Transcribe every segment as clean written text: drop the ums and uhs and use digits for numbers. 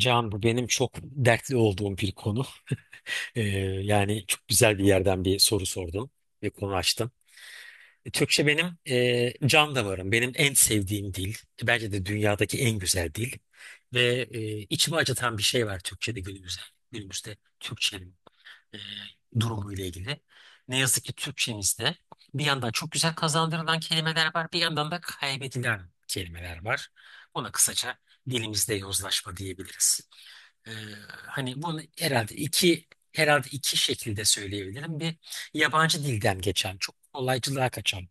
Can bu benim çok dertli olduğum bir konu. Ee, yani çok güzel bir yerden bir soru sordun ve konu açtın. Türkçe benim can damarım. Benim en sevdiğim dil. Bence de dünyadaki en güzel dil. Ve içimi acıtan bir şey var Türkçe'de günümüzde. Günümüzde Türkçenin e, durumu ile ilgili. Ne yazık ki Türkçemizde bir yandan çok güzel kazandırılan kelimeler var, bir yandan da kaybedilen kelimeler var. Ona kısaca dilimizde yozlaşma diyebiliriz. Ee, Hani bunu herhalde iki şekilde söyleyebilirim. Bir yabancı dilden geçen, çok kolaycılığa kaçan,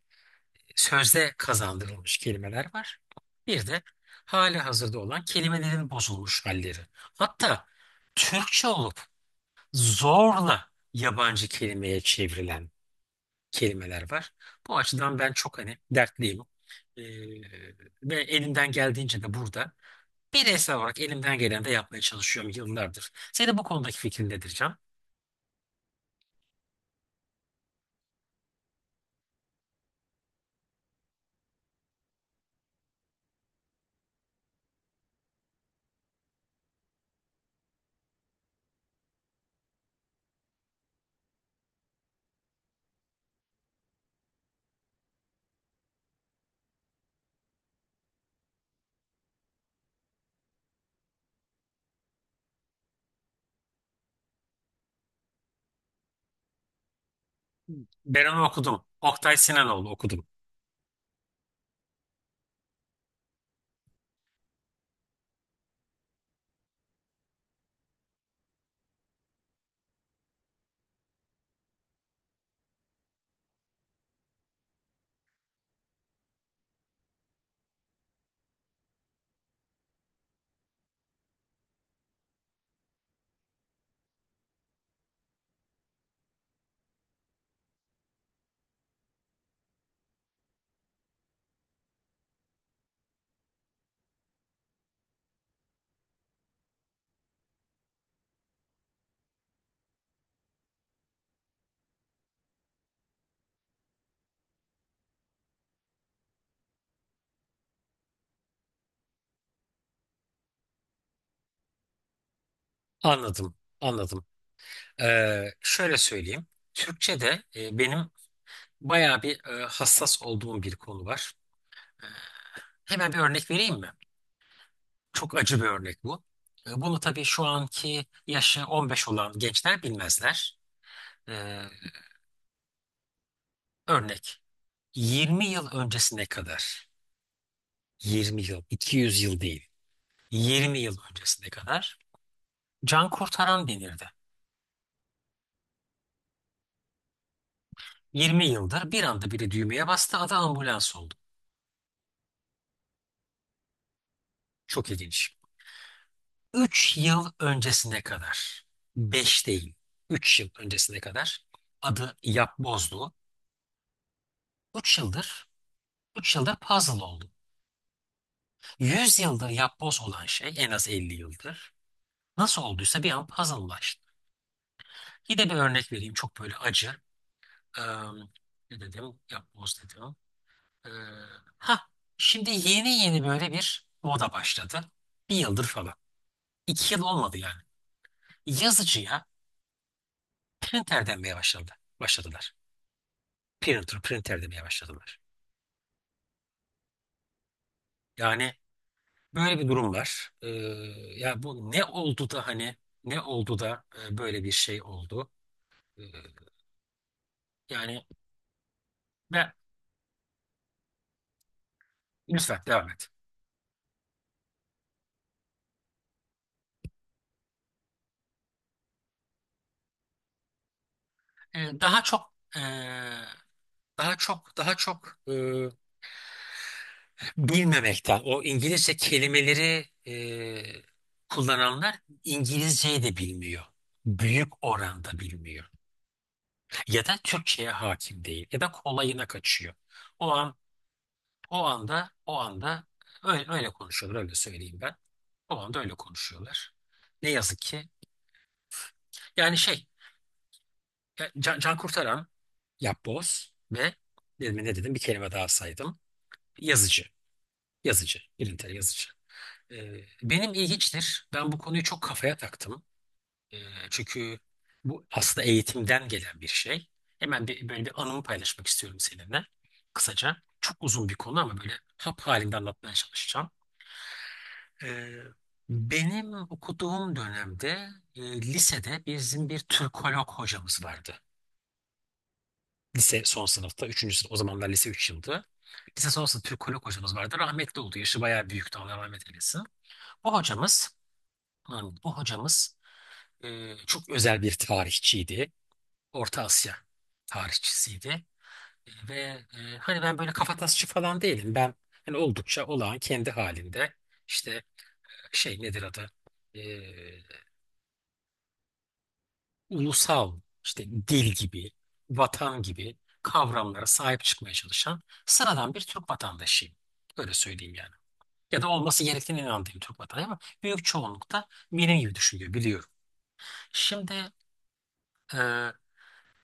sözde kazandırılmış kelimeler var. Bir de hali hazırda olan kelimelerin bozulmuş halleri. Hatta Türkçe olup zorla yabancı kelimeye çevrilen kelimeler var. Bu açıdan ben çok hani dertliyim. Ee, ve elimden geldiğince de burada bireysel olarak elimden geleni de yapmaya çalışıyorum yıllardır. Senin bu konudaki fikrin nedir, Can? Ben onu okudum. Oktay Sinanoğlu okudum. Anladım, anladım. Şöyle söyleyeyim. Türkçe'de benim bayağı bir hassas olduğum bir konu var. Hemen bir örnek vereyim mi? Çok acı bir örnek bu. Bunu tabii şu anki yaşı 15 olan gençler bilmezler. Ee, örnek: 20 yıl öncesine kadar, 20 yıl, 200 yıl değil, 20 yıl öncesine kadar can kurtaran denirdi. 20 yıldır bir anda biri düğmeye bastı, adı ambulans oldu. Çok ilginç. 3 yıl öncesine kadar, 5 değil, 3 yıl öncesine kadar adı yapbozdu. 3 yıldır 3 yıldır puzzle oldu. 100 yıldır yapboz olan şey, en az 50 yıldır. Nasıl olduysa bir an puzzle'laştı. Yine bir örnek vereyim, çok böyle acı. Em, Ne dedim? Yapboz dedim. Ee, ha Şimdi yeni yeni böyle bir moda başladı. Bir yıldır falan. 2 yıl olmadı yani. Yazıcıya printer denmeye başladı. Başladılar. Printer, printer demeye başladılar. Yani böyle bir durum var. Ya bu ne oldu da hani ne oldu da böyle bir şey oldu? Ee, yani ben, lütfen devam et. Ee, daha çok e, daha çok bilmemekten. O İngilizce kelimeleri kullananlar İngilizceyi de bilmiyor. Büyük oranda bilmiyor. Ya da Türkçe'ye hakim değil. Ya da kolayına kaçıyor. O an, o anda öyle konuşuyorlar. Öyle söyleyeyim ben. O anda öyle konuşuyorlar. Ne yazık ki. Yani şey, can kurtaran, yapboz ve dedim, ne dedim, bir kelime daha saydım. Yazıcı. Yazıcı. Birintel yazıcı. Benim ilginçtir. Ben bu konuyu çok kafaya taktım. Ee, çünkü bu aslında eğitimden gelen bir şey. Hemen böyle bir anımı paylaşmak istiyorum seninle. Kısaca. Çok uzun bir konu ama böyle hap halinde anlatmaya çalışacağım. Ee, benim okuduğum dönemde lisede bizim bir Türkolog hocamız vardı. Lise son sınıfta, üçüncü sınıf. O zamanlar lise 3 yıldı. Lise son sınıf Türkolog hocamız vardı. Rahmetli oldu. Yaşı bayağı büyüktü. Allah rahmet eylesin. O hocamız, o hocamız çok özel bir tarihçiydi. Orta Asya tarihçisiydi. Ve hani ben böyle kafatasçı falan değilim. Ben hani oldukça olağan kendi halinde işte şey nedir adı? Ee, ulusal işte, dil gibi, vatan gibi kavramlara sahip çıkmaya çalışan sıradan bir Türk vatandaşıyım. Öyle söyleyeyim yani. Ya da olması gerektiğine inandığım Türk vatandaşı, ama büyük çoğunlukta benim gibi düşünüyor, biliyorum. Şimdi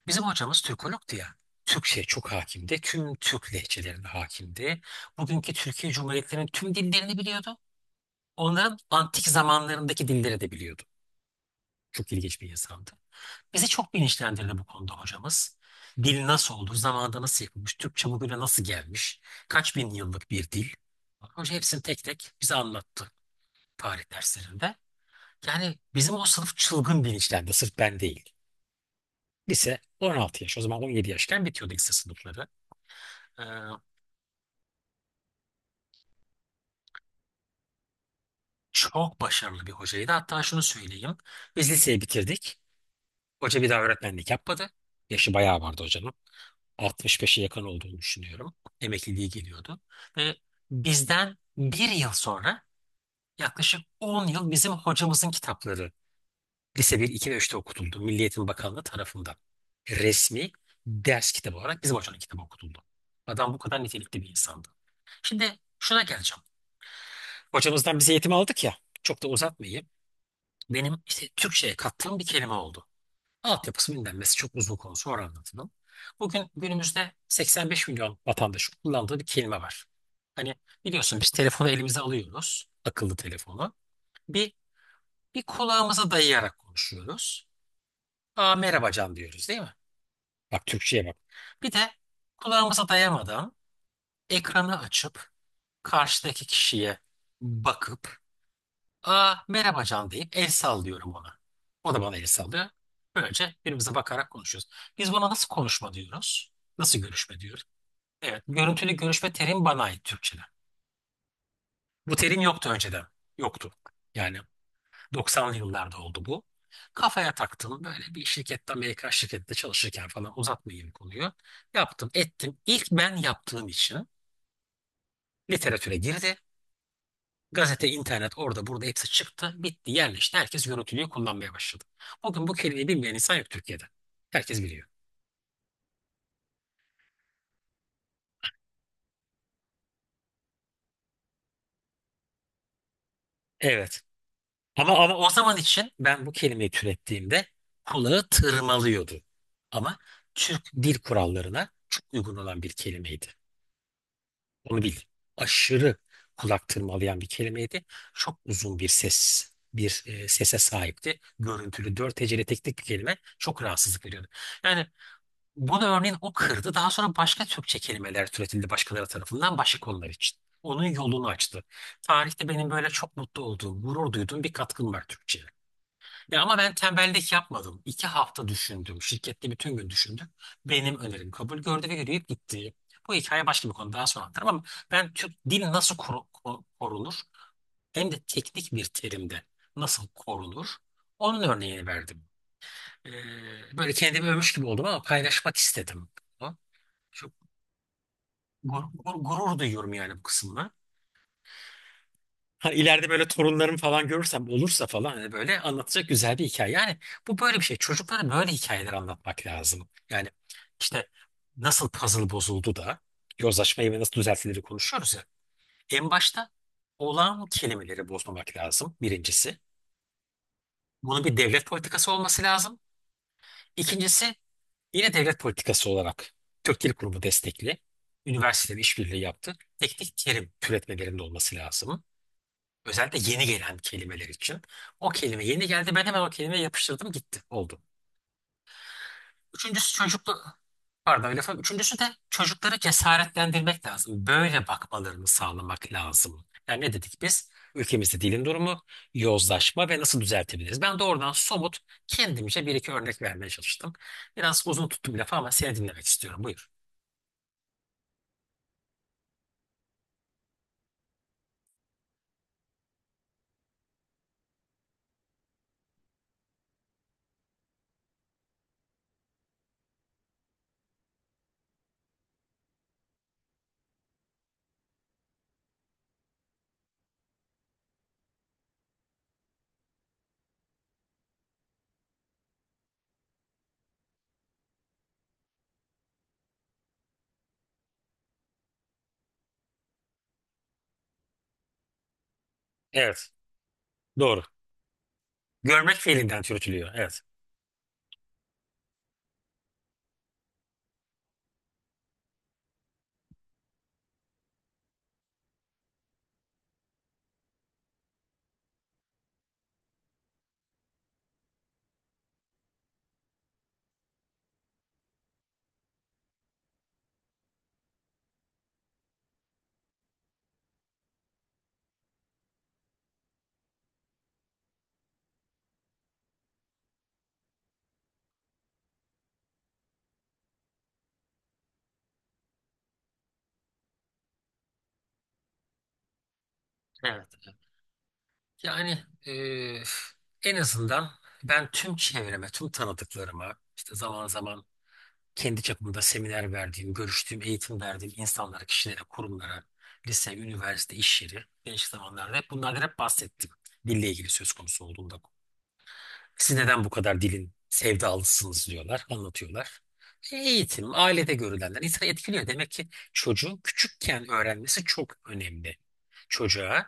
bizim hocamız Türkolog'du ya. Türkçe'ye çok hakimdi. Tüm Türk lehçelerine hakimdi. Bugünkü Türkiye Cumhuriyetlerinin tüm dillerini biliyordu. Onların antik zamanlarındaki dilleri de biliyordu. Çok ilginç bir insandı. Bizi çok bilinçlendirdi bu konuda hocamız. Dil nasıl oldu, zamanda nasıl yapılmış, Türkçe bugüne nasıl gelmiş, kaç bin yıllık bir dil. Hoca hepsini tek tek bize anlattı tarih derslerinde. Yani bizim o sınıf çılgın bilinçlendi, sırf ben değil. Lise 16 yaş, o zaman 17 yaşken bitiyordu lise sınıfları. Ee, Çok başarılı bir hocaydı. Hatta şunu söyleyeyim. Biz liseyi bitirdik. Hoca bir daha öğretmenlik yapmadı. Yaşı bayağı vardı hocanın. 65'e yakın olduğunu düşünüyorum. Emekliliği geliyordu. Ve bizden bir yıl sonra, yaklaşık 10 yıl, bizim hocamızın kitapları lise bir, iki ve 3'te okutuldu. Milli Eğitim Bakanlığı tarafından. Resmi ders kitabı olarak bizim hocanın kitabı okutuldu. Adam bu kadar nitelikli bir insandı. Şimdi şuna geleceğim. Hocamızdan biz eğitim aldık ya. Çok da uzatmayayım. Benim işte Türkçe'ye kattığım bir kelime oldu. Altyapısı bilinmesi çok uzun konu, sonra anlatırım. Bugün günümüzde 85 milyon vatandaşın kullandığı bir kelime var. Hani biliyorsun, biz telefonu elimize alıyoruz, akıllı telefonu. Bir, bir kulağımıza dayayarak konuşuyoruz. "Aa, merhaba Can," diyoruz, değil mi? Bak Türkçe'ye bak. Bir de kulağımıza dayamadan ekranı açıp karşıdaki kişiye bakıp "Aa, merhaba Can," deyip el sallıyorum ona. O da bana el sallıyor. Böylece birbirimize bakarak konuşuyoruz. Biz buna nasıl konuşma diyoruz? Nasıl görüşme diyoruz? Evet, görüntülü görüşme terim bana ait Türkçe'de. Bu terim yoktu önceden. Yoktu. Yani 90'lı yıllarda oldu bu. Kafaya taktım, böyle bir şirkette, Amerikan şirkette çalışırken falan, uzatmayayım konuyu. Yaptım ettim. İlk ben yaptığım için literatüre girdi. Gazete, internet, orada burada hepsi çıktı. Bitti, yerleşti. Herkes görüntülüğü kullanmaya başladı. Bugün bu kelimeyi bilmeyen insan yok Türkiye'de. Herkes biliyor. Evet. Ama o zaman için, ben bu kelimeyi türettiğimde kulağı tırmalıyordu. Ama Türk dil kurallarına çok uygun olan bir kelimeydi. Onu bil. Aşırı kulak tırmalayan bir kelimeydi. Çok uzun bir ses, bir sese sahipti. Görüntülü, dört heceli tek bir kelime, çok rahatsızlık veriyordu. Yani bunu örneğin o kırdı. Daha sonra başka Türkçe kelimeler türetildi başkaları tarafından, başka konular için. Onun yolunu açtı. Tarihte benim böyle çok mutlu olduğum, gurur duyduğum bir katkım var Türkçe'ye. Ya ama ben tembellik yapmadım. 2 hafta düşündüm. Şirkette bütün gün düşündüm. Benim önerim kabul gördü ve yürüyüp gitti. Bu hikaye başka bir konu, daha sonra anlatırım. Ama ben Türk dil nasıl korunur, hem de teknik bir terimde nasıl korunur, onun örneğini verdim. Ee, böyle kendimi övmüş gibi oldum, ama paylaşmak istedim. Çok gurur duyuyorum yani bu kısımla. Hani ileride böyle torunlarım falan görürsem, olursa falan, hani böyle anlatacak güzel bir hikaye. Yani bu böyle bir şey. Çocuklara böyle hikayeler anlatmak lazım. Yani işte, nasıl puzzle bozuldu da yozlaşmayı ve nasıl düzeltileri konuşuyoruz ya. En başta olağan kelimeleri bozmamak lazım, birincisi. Bunun bir devlet politikası olması lazım. İkincisi, yine devlet politikası olarak, Türk Dil Kurumu destekli, üniversiteler işbirliği yaptı, teknik terim türetmelerinde olması lazım. Özellikle yeni gelen kelimeler için. O kelime yeni geldi, ben hemen o kelimeye yapıştırdım, gitti. Oldu. Üçüncüsü çocuklu... Pardon lafı. Üçüncüsü de çocukları cesaretlendirmek lazım. Böyle bakmalarını sağlamak lazım. Yani ne dedik biz? Ülkemizde dilin durumu, yozlaşma ve nasıl düzeltebiliriz? Ben doğrudan somut, kendimce bir iki örnek vermeye çalıştım. Biraz uzun tuttum lafı ama seni dinlemek istiyorum. Buyur. Evet. Doğru. Görmek fiilinden türütülüyor. Evet. Evet. Yani eee, en azından ben tüm çevreme, tüm tanıdıklarıma, işte zaman zaman kendi çapımda seminer verdiğim, görüştüğüm, eğitim verdiğim insanlara, kişilere, kurumlara, lise, üniversite, iş yeri, değişik zamanlarda hep bunlardan hep bahsettim. Dille ilgili söz konusu olduğunda. Siz neden bu kadar dilin sevdalısınız, diyorlar, anlatıyorlar. Eğitim, ailede görülenler insanı etkiliyor. Demek ki çocuğun küçükken öğrenmesi çok önemli. Çocuğa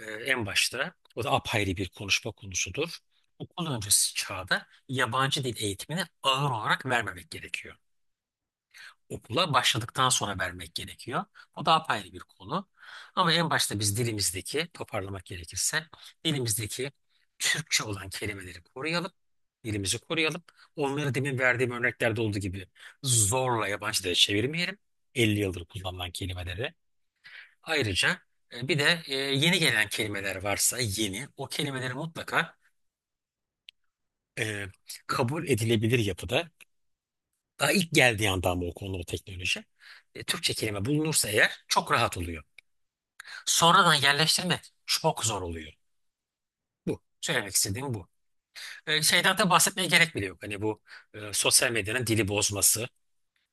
en başta, o da apayrı bir konuşma konusudur. Okul öncesi çağda yabancı dil eğitimini ağır olarak vermemek gerekiyor, okula başladıktan sonra vermek gerekiyor. O da apayrı bir konu. Ama en başta biz dilimizdeki, toparlamak gerekirse, dilimizdeki Türkçe olan kelimeleri koruyalım. Dilimizi koruyalım. Onları demin verdiğim örneklerde olduğu gibi zorla yabancı dile çevirmeyelim. 50 yıldır kullanılan kelimeleri. Ayrıca bir de yeni gelen kelimeler varsa yeni, o kelimeleri mutlaka e, kabul edilebilir yapıda. Daha ilk geldiği andan bu konu, bu teknoloji. Türkçe kelime bulunursa eğer, çok rahat oluyor. Sonradan yerleştirmek çok zor oluyor. Bu. Söylemek istediğim bu. Şeyden de bahsetmeye gerek bile yok. Hani bu sosyal medyanın dili bozması,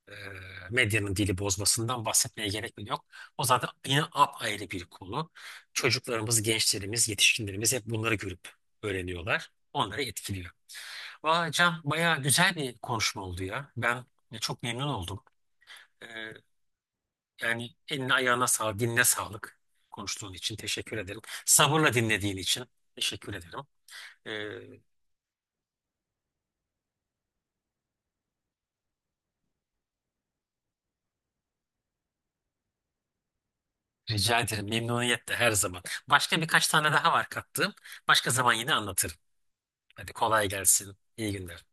e, medyanın dili bozmasından bahsetmeye gerek bile yok. O zaten yine apayrı bir konu. Çocuklarımız, gençlerimiz, yetişkinlerimiz hep bunları görüp öğreniyorlar. Onları etkiliyor. Vay Can, bayağı güzel bir konuşma oldu ya. Ben çok memnun oldum. E, Yani eline ayağına sağlık, dinle sağlık. Konuştuğun için teşekkür ederim. Sabırla dinlediğin için teşekkür ederim. Ee, rica ederim. Memnuniyetle her zaman. Başka birkaç tane daha var kattığım. Başka zaman yine anlatırım. Hadi kolay gelsin. İyi günler.